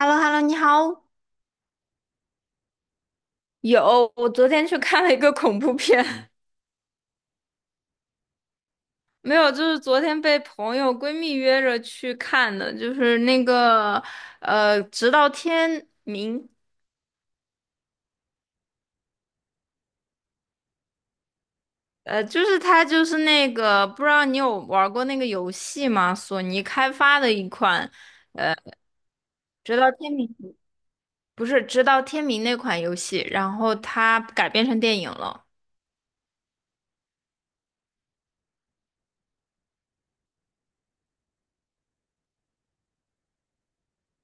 h e l l o h e l l o 你好。有，我昨天去看了一个恐怖片，没有，就是昨天被朋友闺蜜约着去看的，就是那个直到天明。就是它就是那个，不知道你有玩过那个游戏吗？索尼开发的一款《直到天明》，不是《直到天明》那款游戏，然后它改编成电影了。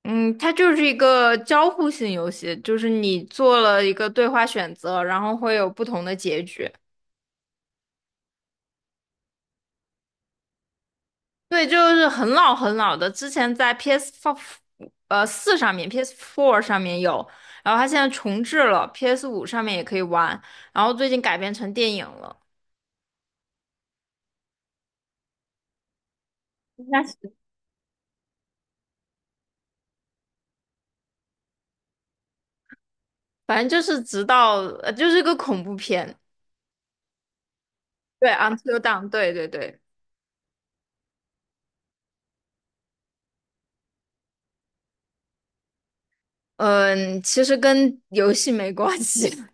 嗯，它就是一个交互性游戏，就是你做了一个对话选择，然后会有不同的结局。对，就是很老很老的，之前在 PS 四上面，PS Four 上面有，然后它现在重置了，PS 五上面也可以玩，然后最近改编成电影了，应该是，反正就是直到就是个恐怖片。对，Until Dawn，对对对。嗯，其实跟游戏没关系。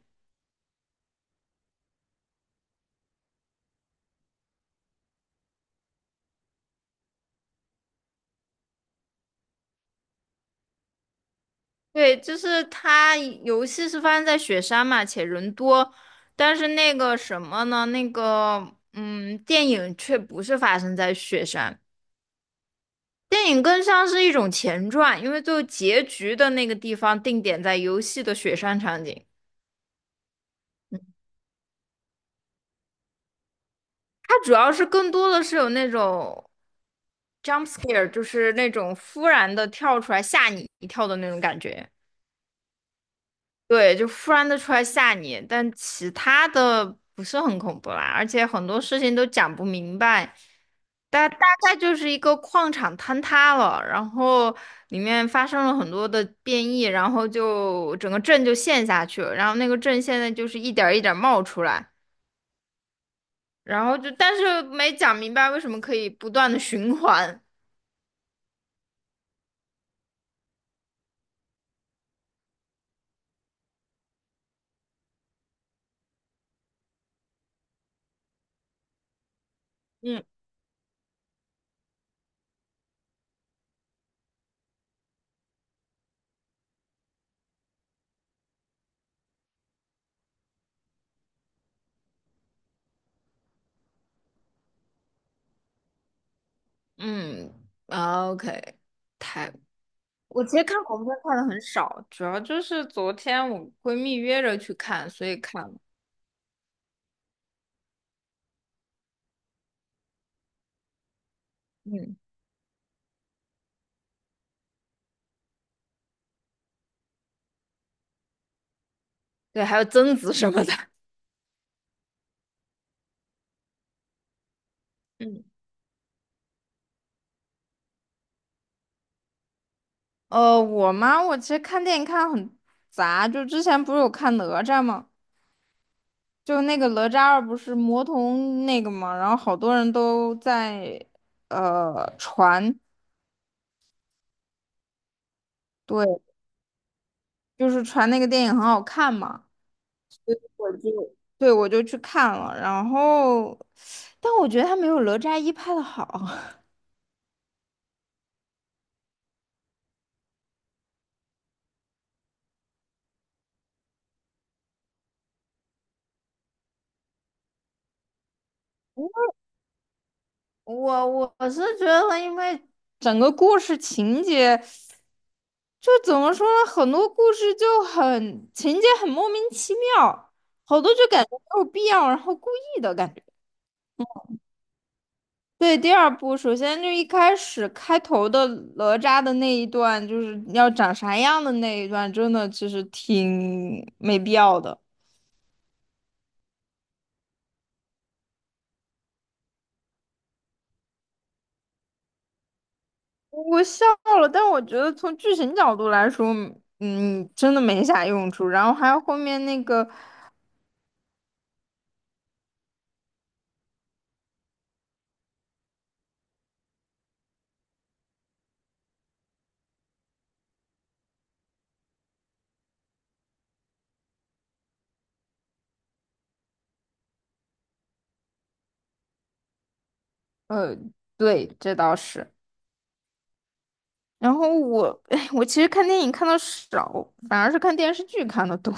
对，就是它游戏是发生在雪山嘛，且人多，但是那个什么呢？那个电影却不是发生在雪山，电影更像是一种前传，因为最后结局的那个地方定点在游戏的雪山场景，它主要是更多的是有那种 jump scare，就是那种忽然的跳出来吓你一跳的那种感觉。对，就突然的出来吓你，但其他的不是很恐怖啦，而且很多事情都讲不明白，大概就是一个矿场坍塌了，然后里面发生了很多的变异，然后就整个镇就陷下去了，然后那个镇现在就是一点儿一点儿冒出来，然后但是没讲明白为什么可以不断的循环。嗯嗯， o k 太我其实看恐怖片看的很少，主要就是昨天我闺蜜约着去看，所以看了。嗯，对，还有贞子什么的。嗯，我嘛，我其实看电影看得很杂，就之前不是有看哪吒吗？就那个哪吒二不是魔童那个嘛，然后好多人都在传。对，就是传那个电影很好看嘛。我就对，我就去看了，然后但我觉得它没有哪吒一拍的好。我是觉得，因为整个故事情节，就怎么说呢，很多故事就很情节很莫名其妙，好多就感觉没有必要，然后故意的感觉。对，第二部首先就一开始开头的哪吒的那一段，就是要长啥样的那一段，真的其实挺没必要的。我笑了，但我觉得从剧情角度来说，真的没啥用处。然后还有后面那个。对，这倒是。然后我，哎，我其实看电影看的少，反而是看电视剧看的多。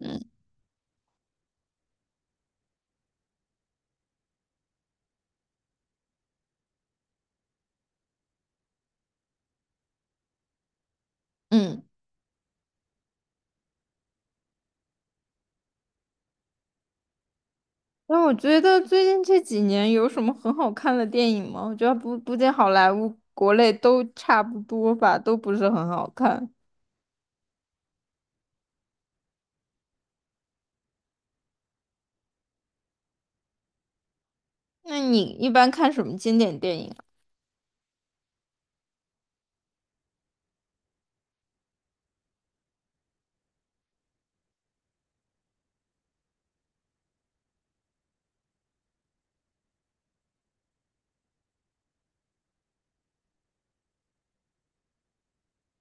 嗯嗯。那我觉得最近这几年有什么很好看的电影吗？我觉得不仅好莱坞、国内都差不多吧，都不是很好看。那你一般看什么经典电影啊？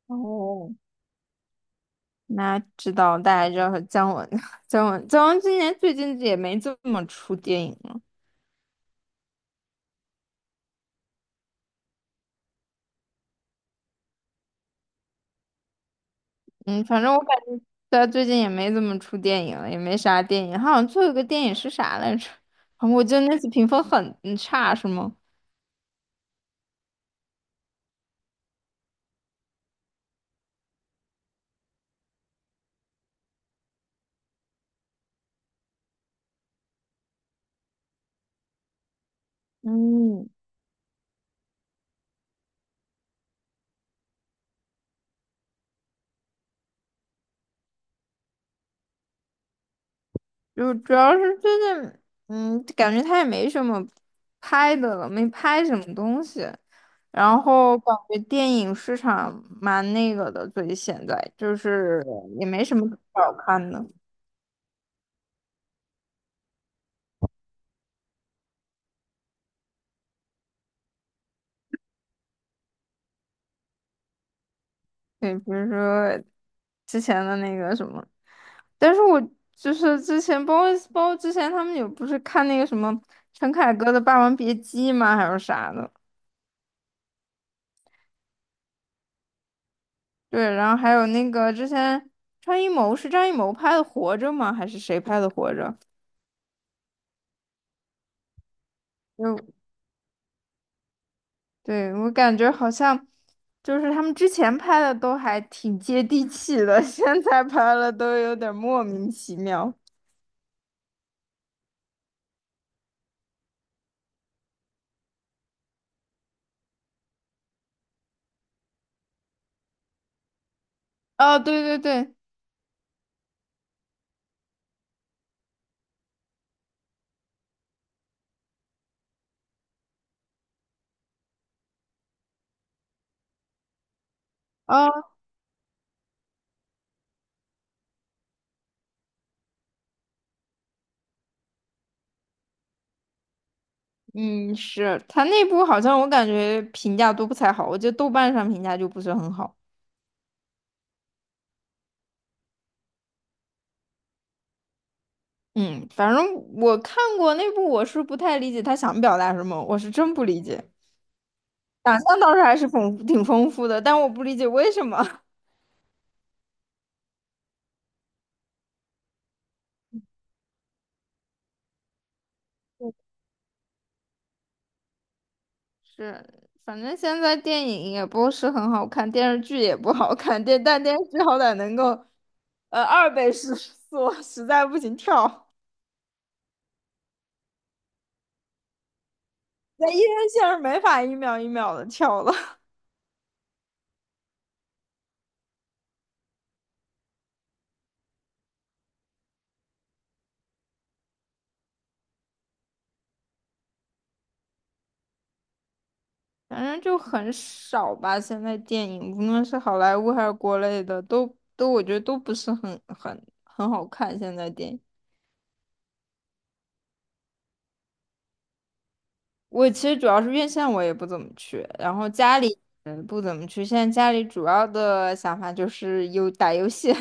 哦，那知道，大家知道姜文，姜文今年最近也没怎么出电影。嗯，反正我感觉他最近也没怎么出电影了，也没啥电影。他好像最后一个电影是啥来着？啊，我记得那次评分很差，是吗？嗯，就主要是最近，感觉他也没什么拍的了，没拍什么东西。然后感觉电影市场蛮那个的，所以现在就是也没什么好看的。对，比如说之前的那个什么，但是我就是之前包括之前他们有不是看那个什么陈凯歌的《霸王别姬》吗？还是啥的？对，然后还有那个之前张艺谋拍的《活着》吗？还是谁拍的《活着》？就对，我感觉好像就是他们之前拍的都还挺接地气的，现在拍了都有点莫名其妙。哦，对对对。嗯，是他那部好像我感觉评价都不太好，我觉得豆瓣上评价就不是很好。嗯，反正我看过那部，我是不太理解他想表达什么，我是真不理解。想象倒是还是挺丰富的，但我不理解为什么。是，反正现在电影也不是很好看，电视剧也不好看，但电视剧好歹能够，二倍速 速，实在不行跳。那一人线上没法一秒一秒的跳了。反正就很少吧。现在电影无论是好莱坞还是国内的，都我觉得都不是很好看。现在电影，我其实主要是院线我也不怎么去，然后家里不怎么去。现在家里主要的想法就是有打游戏。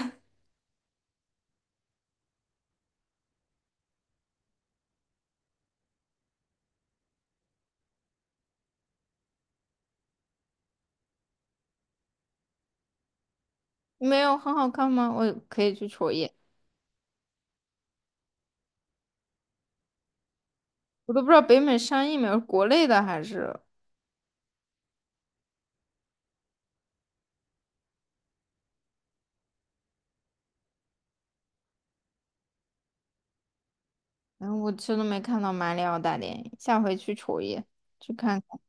没有很好看吗？我可以去瞅一眼。我都不知道北美上映没有，国内的还是，然后我实都没看到马里奥大电影，下回去瞅一眼，去看看。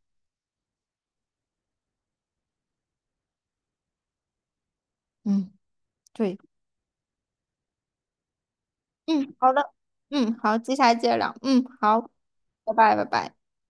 嗯，对。嗯，好的。嗯，好，接下来接着聊。嗯，好，拜拜，拜拜。